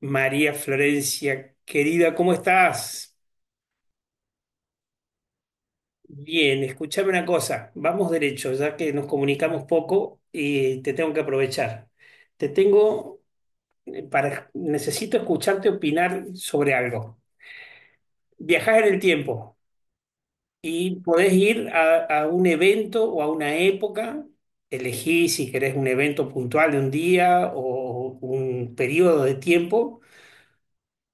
María Florencia, querida, ¿cómo estás? Bien, escúchame una cosa, vamos derecho, ya que nos comunicamos poco y te tengo que aprovechar. Te tengo para, necesito escucharte opinar sobre algo. Viajás en el tiempo y podés ir a un evento o a una época, elegí si querés un evento puntual de un día o un periodo de tiempo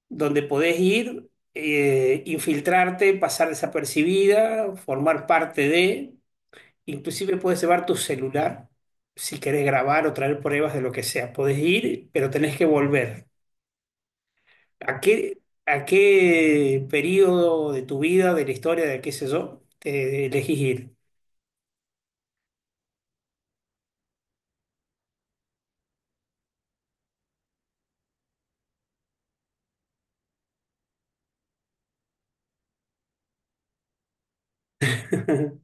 donde podés ir, infiltrarte, pasar desapercibida, formar parte de, inclusive puedes llevar tu celular si querés grabar o traer pruebas de lo que sea. Podés ir, pero tenés que volver. ¿A qué, ¿A qué periodo de tu vida, de la historia, de qué sé yo, te elegís ir?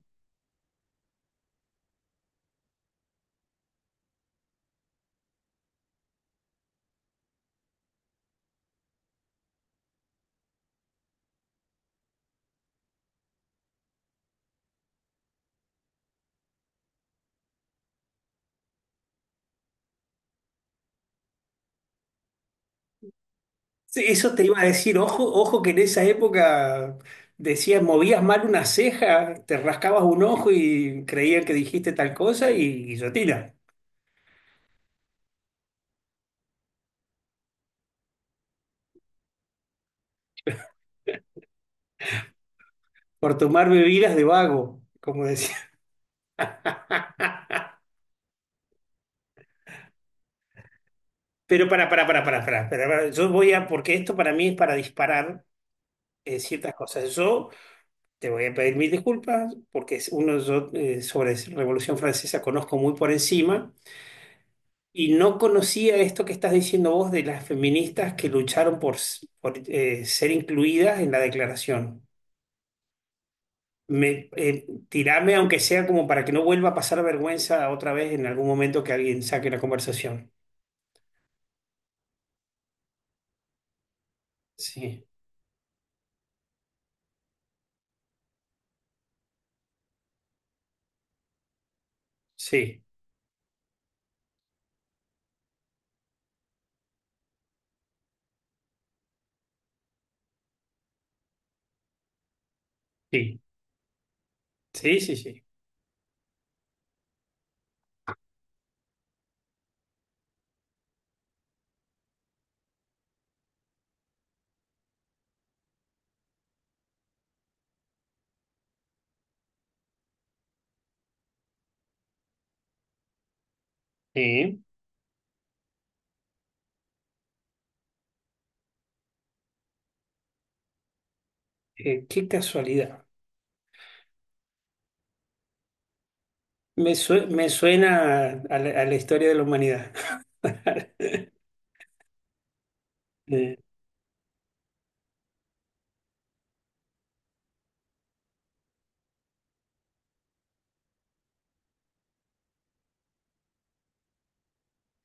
Sí, eso te iba a decir, ojo, ojo que en esa época decían, movías mal una ceja, te rascabas un ojo y creían que dijiste tal cosa y guillotina, por tomar bebidas de vago, como decía. Pero para, yo voy a, porque esto para mí es para disparar ciertas cosas. Yo te voy a pedir mil disculpas porque es uno, yo sobre Revolución Francesa conozco muy por encima. Y no conocía esto que estás diciendo vos de las feministas que lucharon por, por, ser incluidas en la declaración. Me, tirame, aunque sea como para que no vuelva a pasar vergüenza otra vez en algún momento que alguien saque la conversación. Sí, sí, sí, sí, sí, sí. Sí. Qué casualidad. Me, me suena a la historia de la humanidad. Eh,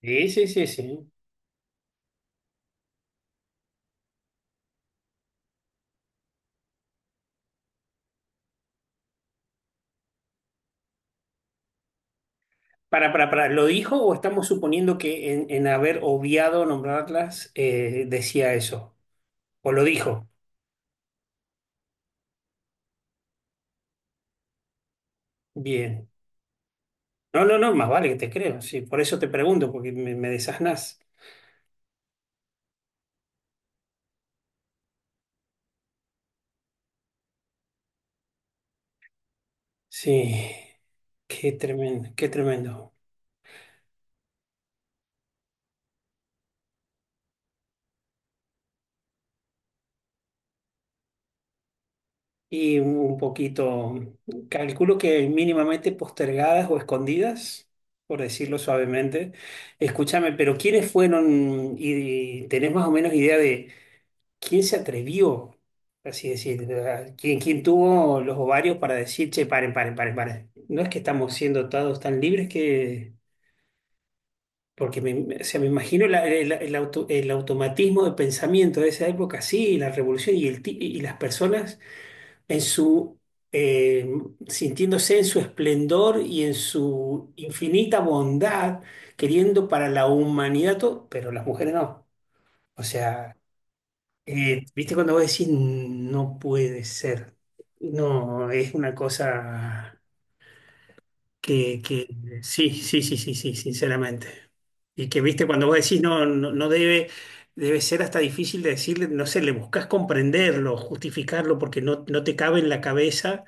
sí, sí, sí, sí. Para, ¿lo dijo o estamos suponiendo que en haber obviado nombrarlas decía eso? ¿O lo dijo? Bien. No, no, no, más vale que te creo. Sí, por eso te pregunto, porque me desasnás. Sí, qué tremendo, qué tremendo. Y un poquito, calculo que mínimamente postergadas o escondidas, por decirlo suavemente. Escúchame, pero ¿quiénes fueron y tenés más o menos idea de... ¿Quién se atrevió? Así decir, ¿verdad? ¿Quién, quién tuvo los ovarios para decir, che, paren, paren, paren, paren? No es que estamos siendo todos tan libres que... Porque me, o sea, me imagino el el automatismo de pensamiento de esa época, sí, la revolución y, el, y las personas en su, eh, sintiéndose en su esplendor y en su infinita bondad, queriendo para la humanidad todo, pero las mujeres no. O sea... ¿viste cuando vos decís no puede ser? No, es una cosa que sí, sí, sí, sí, sí, sinceramente. Y que, viste, cuando vos decís no, no, no debe, debe ser hasta difícil de decirle, no sé, le buscas comprenderlo, justificarlo, porque no, no te cabe en la cabeza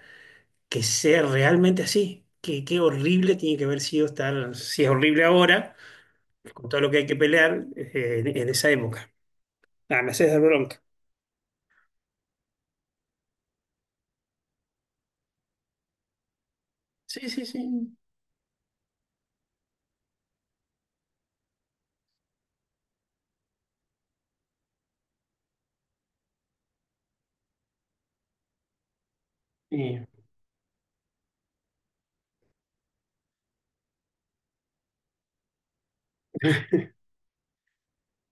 que sea realmente así. Qué, qué horrible tiene que haber sido estar, si es horrible ahora, con todo lo que hay que pelear, en esa época. Ah, me haces dar bronca. Sí, sí, sí. Y-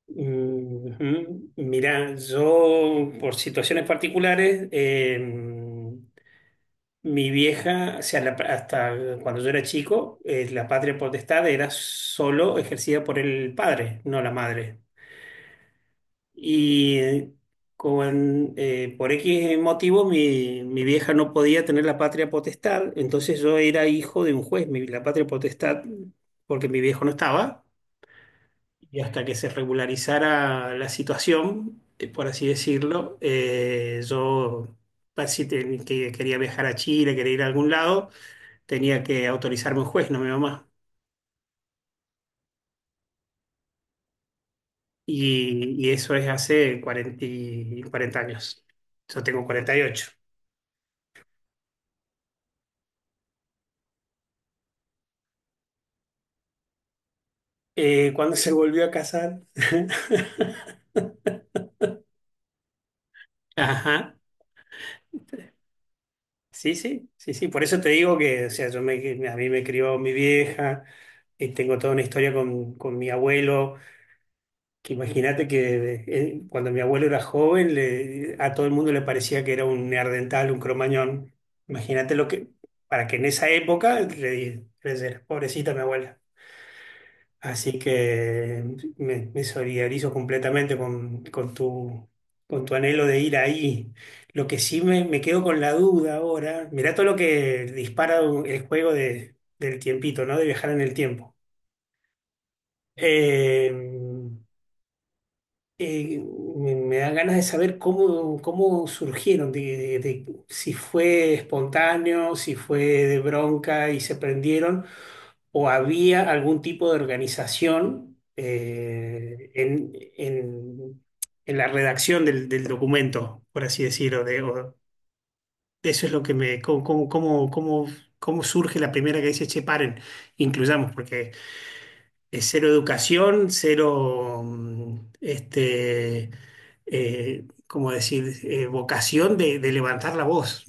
ujú. Mirá, yo por situaciones particulares, mi vieja, o sea, hasta cuando yo era chico, la patria potestad era solo ejercida por el padre, no la madre. Y con, por X motivos mi vieja no podía tener la patria potestad, entonces yo era hijo de un juez, la patria potestad, porque mi viejo no estaba y hasta que se regularizara la situación, por así decirlo, yo si que quería viajar a Chile, quería ir a algún lado, tenía que autorizarme un juez, no mi mamá. Y eso es hace 40 años. Yo tengo 48. Cuando se volvió a casar. Ajá. Sí, sí, sí, sí. Por eso te digo que, o sea, yo me, a mí me crió mi vieja, tengo toda una historia con mi abuelo. Que imagínate que cuando mi abuelo era joven, a todo el mundo le parecía que era un neandertal, un cromañón. Imagínate lo que, para que en esa época creyera, pobrecita mi abuela. Así que me solidarizo completamente con tu anhelo de ir ahí. Lo que sí me quedo con la duda ahora, mirá todo lo que dispara el juego del tiempito, ¿no? De viajar en el tiempo. Eh, eh, me, me dan ganas de saber cómo, cómo surgieron, de, de si fue espontáneo, si fue de bronca y se prendieron, o había algún tipo de organización en- en la redacción del, del documento, por así decirlo. De, o- eso es lo que me... Cómo, cómo, cómo, cómo surge la primera que dice, che, paren, incluyamos, porque cero educación, cero, mm, este, ¿cómo decir?, vocación de levantar la voz.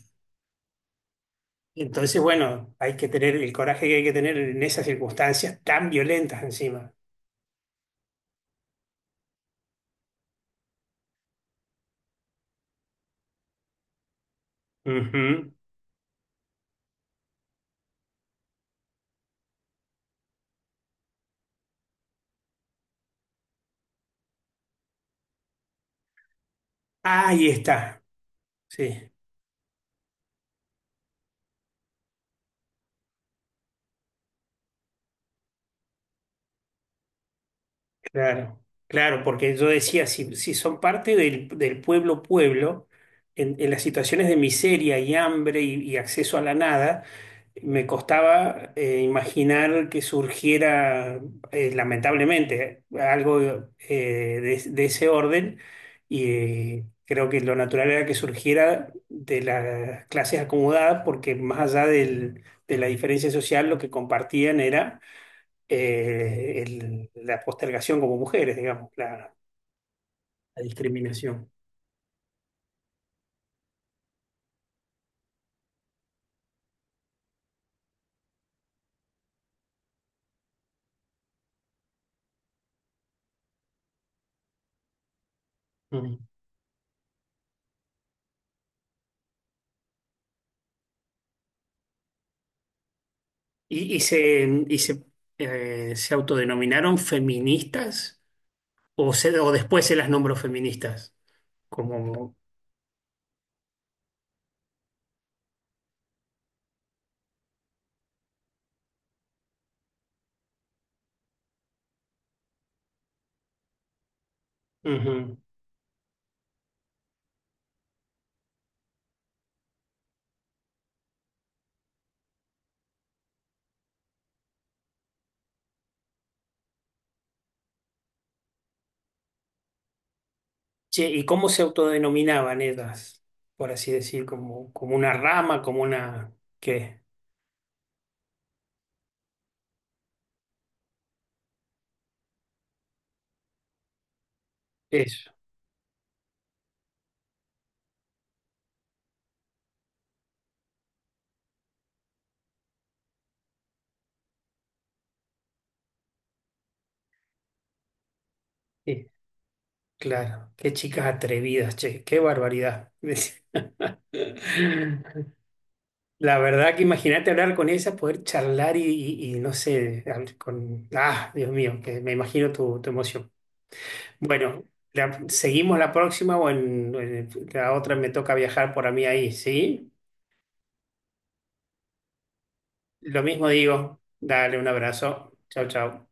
Entonces, bueno, hay que tener el coraje que hay que tener en esas circunstancias tan violentas encima. Ujú. Ahí está. Sí, claro. Claro, porque yo decía, si, si son parte del, del pueblo pueblo, en las situaciones de miseria y hambre y acceso a la nada. Me costaba imaginar que surgiera, lamentablemente, algo de ese orden y creo que lo natural era que surgiera de las clases acomodadas porque más allá de la diferencia social, lo que compartían era el- la postergación como mujeres, digamos, la discriminación. Mm. Y se, se autodenominaron feministas o, o después se las nombró feministas. Como, ujú. Che, ¿y cómo se autodenominaban ellas? Por así decir, como, como una rama, como una... ¿Qué? Eso. Sí, claro. Qué chicas atrevidas, che, qué barbaridad. La verdad que imagínate hablar con ellas, poder charlar y no sé, hablar con... Ah, Dios mío, que me imagino tu, tu emoción. Bueno, la- seguimos la próxima o en la otra me toca viajar por a mí ahí, ¿sí? Lo mismo digo, dale un abrazo. Chau, chau.